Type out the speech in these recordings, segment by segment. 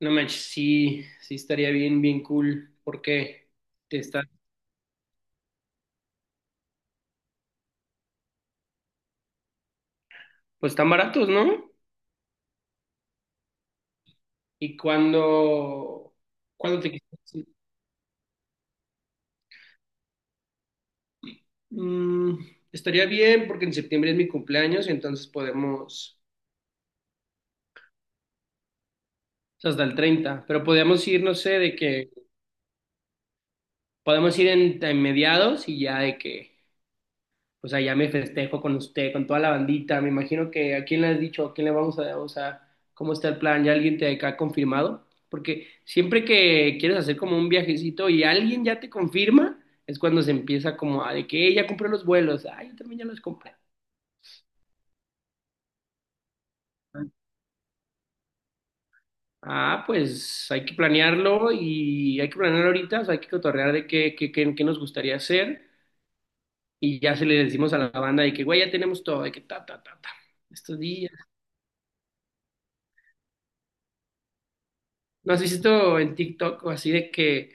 No manches, sí, sí estaría bien, bien cool, porque te están, pues están baratos, ¿no? Y ¿cuando, cuando te quisieras ir? Mm, Estaría bien, porque en septiembre es mi cumpleaños, entonces podemos, o sea, hasta el 30, pero podemos ir, no sé, de que, podemos ir en mediados y ya de que... O sea, ya me festejo con usted, con toda la bandita. Me imagino que a quién le has dicho, a quién le vamos a, o sea, cómo está el plan, ya alguien te ha confirmado. Porque siempre que quieres hacer como un viajecito y alguien ya te confirma, es cuando se empieza como a de que: Ya compré los vuelos, ay, yo también ya los compré". Ah, pues hay que planearlo y hay que planear ahorita, o sea, hay que cotorrear de qué, qué nos gustaría hacer y ya se le decimos a la banda de que, güey, ya tenemos todo, de que ta, ta, ta, ta, estos días. ¿No has visto en TikTok o así de que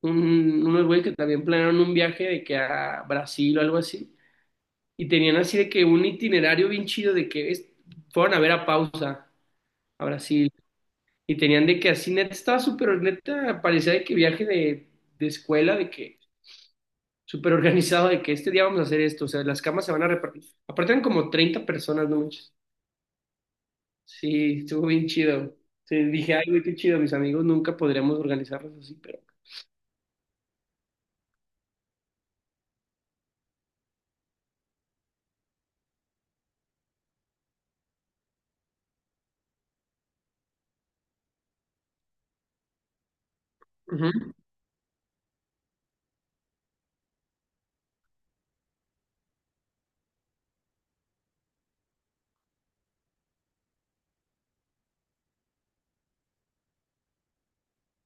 unos güeyes que también planearon un viaje de que a Brasil o algo así? Y tenían así de que un itinerario bien chido de que fueron a ver a Pausa a Brasil. Y tenían de que así neta estaba súper neta, parecía de que viaje de, escuela, de que súper organizado, de que este día vamos a hacer esto. O sea, las camas se van a repartir. Aparte eran como 30 personas, no manches. Sí, estuvo bien chido. Sí, dije, ay, güey, qué chido, mis amigos, nunca podríamos organizarlos así, pero...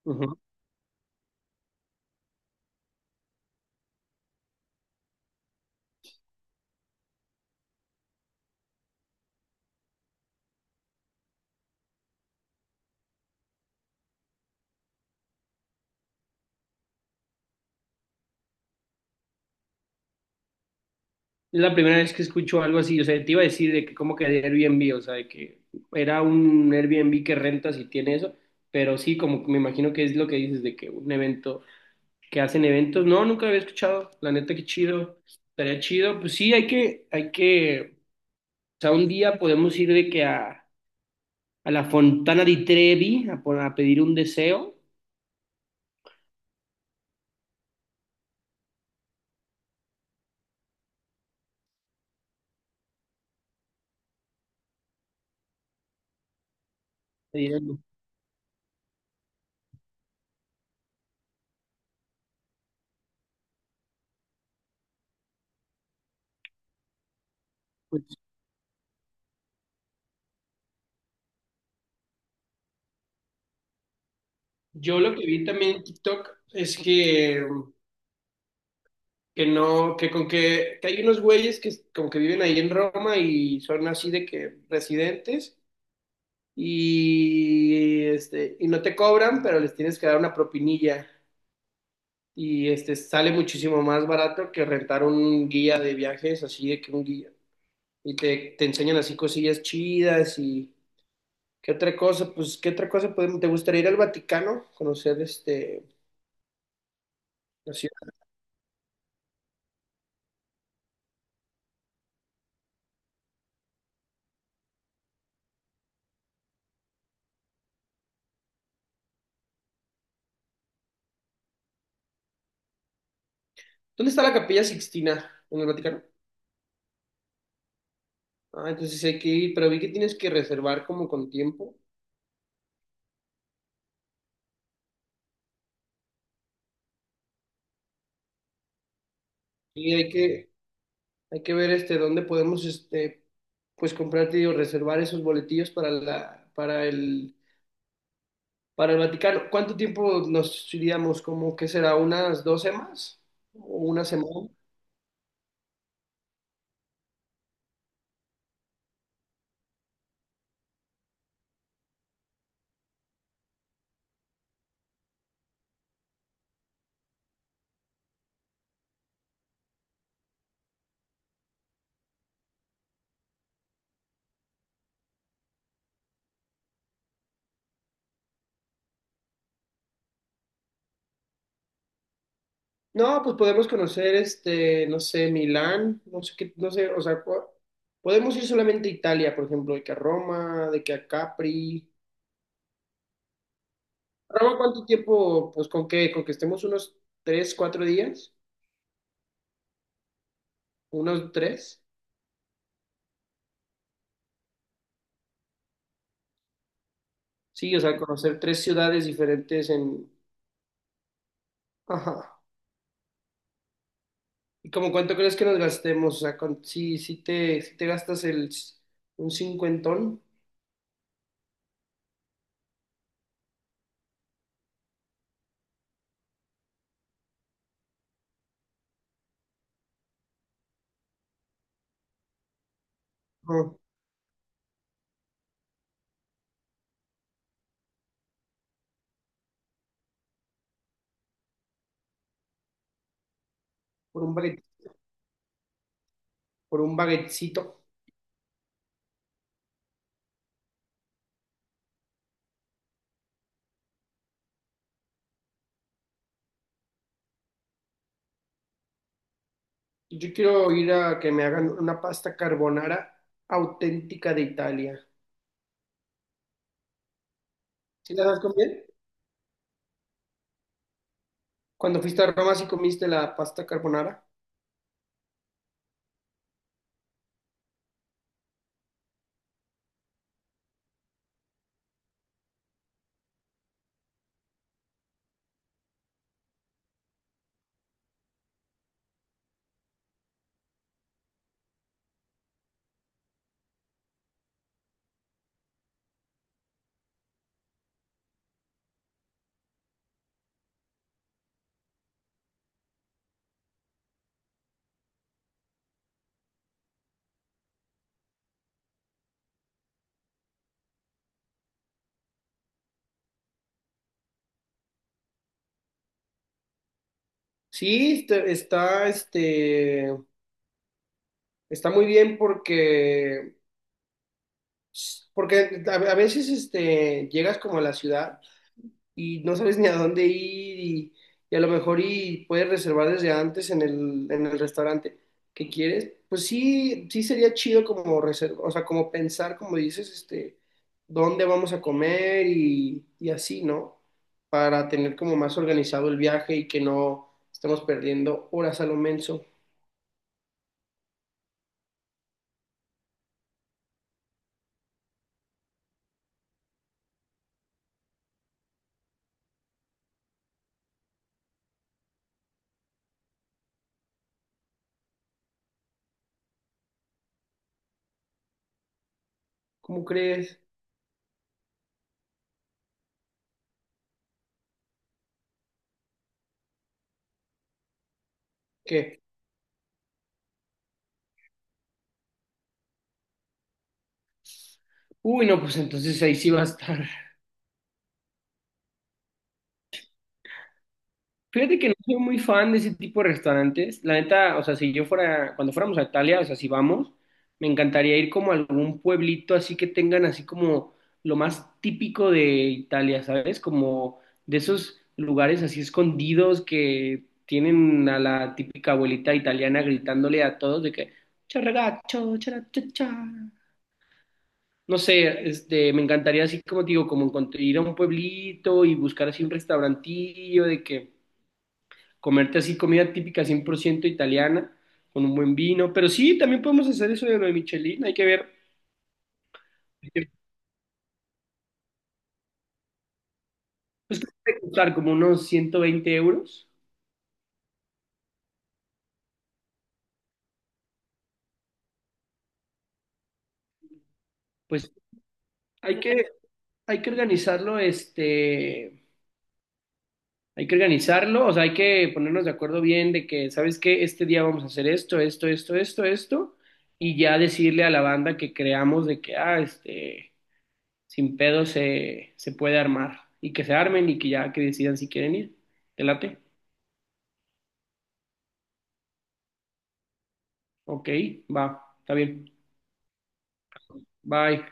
Ujú. Es la primera vez que escucho algo así, o sea, te iba a decir de que como que de Airbnb, o sea, de que era un Airbnb que rentas y tiene eso, pero sí, como que me imagino que es lo que dices de que un evento, que hacen eventos, no, nunca lo había escuchado, la neta, qué chido, estaría chido, pues sí, hay que, o sea, un día podemos ir de que a la Fontana di Trevi a, a pedir un deseo, pedir algo. Pues, yo lo que vi también en TikTok es que no, que con que hay unos güeyes que como que viven ahí en Roma y son así de que residentes y este, y no te cobran, pero les tienes que dar una propinilla. Y este sale muchísimo más barato que rentar un guía de viajes, así de que un guía. Y te enseñan así cosillas chidas y qué otra cosa, pues qué otra cosa podemos. ¿Te gustaría ir al Vaticano? Conocer este la ciudad. ¿Dónde está la Capilla Sixtina? ¿En el Vaticano? Ah, entonces hay que ir, pero vi que tienes que reservar como con tiempo y hay que ver este dónde podemos este pues comprarte o reservar esos boletillos para la, para el Vaticano. ¿Cuánto tiempo nos iríamos? ¿Como que será, unas 2 semanas? ¿O una semana? No, pues podemos conocer este, no sé, Milán, no sé qué, no sé, o sea, podemos ir solamente a Italia, por ejemplo, de que a Roma, de que a Capri. Ramón, ¿cuánto tiempo? Pues con qué, con que estemos unos 3, 4 días, unos tres. Sí, o sea, conocer tres ciudades diferentes en... Ajá. ¿Y como cuánto crees que nos gastemos? O sea, con... si te gastas el, un cincuentón, ajá, por un baguette, por un baguettecito. Yo quiero ir a que me hagan una pasta carbonara auténtica de Italia. ¿Sí la sabes comer? Cuando fuiste a Roma, ¿sí comiste la pasta carbonara? Sí, está muy bien porque, a veces este, llegas como a la ciudad y no sabes ni a dónde ir y, a lo mejor y puedes reservar desde antes en el restaurante que quieres. Pues sí, sí sería chido como reserva, o sea, como pensar, como dices, este, dónde vamos a comer y así, ¿no? Para tener como más organizado el viaje y que no estemos perdiendo horas a lo menso. ¿Cómo crees que? Uy, no, pues entonces ahí sí va a estar. Fíjate que no soy muy fan de ese tipo de restaurantes. La neta, o sea, si yo fuera, cuando fuéramos a Italia, o sea, si vamos, me encantaría ir como a algún pueblito así que tengan así como lo más típico de Italia, ¿sabes? Como de esos lugares así escondidos que tienen a la típica abuelita italiana gritándole a todos de que: "Ciao, ragazzo, chara, cha, cha". No sé, este, me encantaría así como te digo, como ir a un pueblito y buscar así un restaurantillo de que comerte así comida típica 100% italiana, con un buen vino, pero sí, también podemos hacer eso de lo de Michelin, hay que ver, pues, ¿qué puede costar? Como unos 120 euros, pues hay que, hay que, organizarlo, este, hay que organizarlo, o sea, hay que ponernos de acuerdo bien de que, ¿sabes qué? Este día vamos a hacer esto, esto, esto, esto, esto, y ya decirle a la banda que creamos de que, ah, este, sin pedo se puede armar, y que se armen y que ya que decidan si quieren ir, ¿te late? Ok, va, está bien. Bye.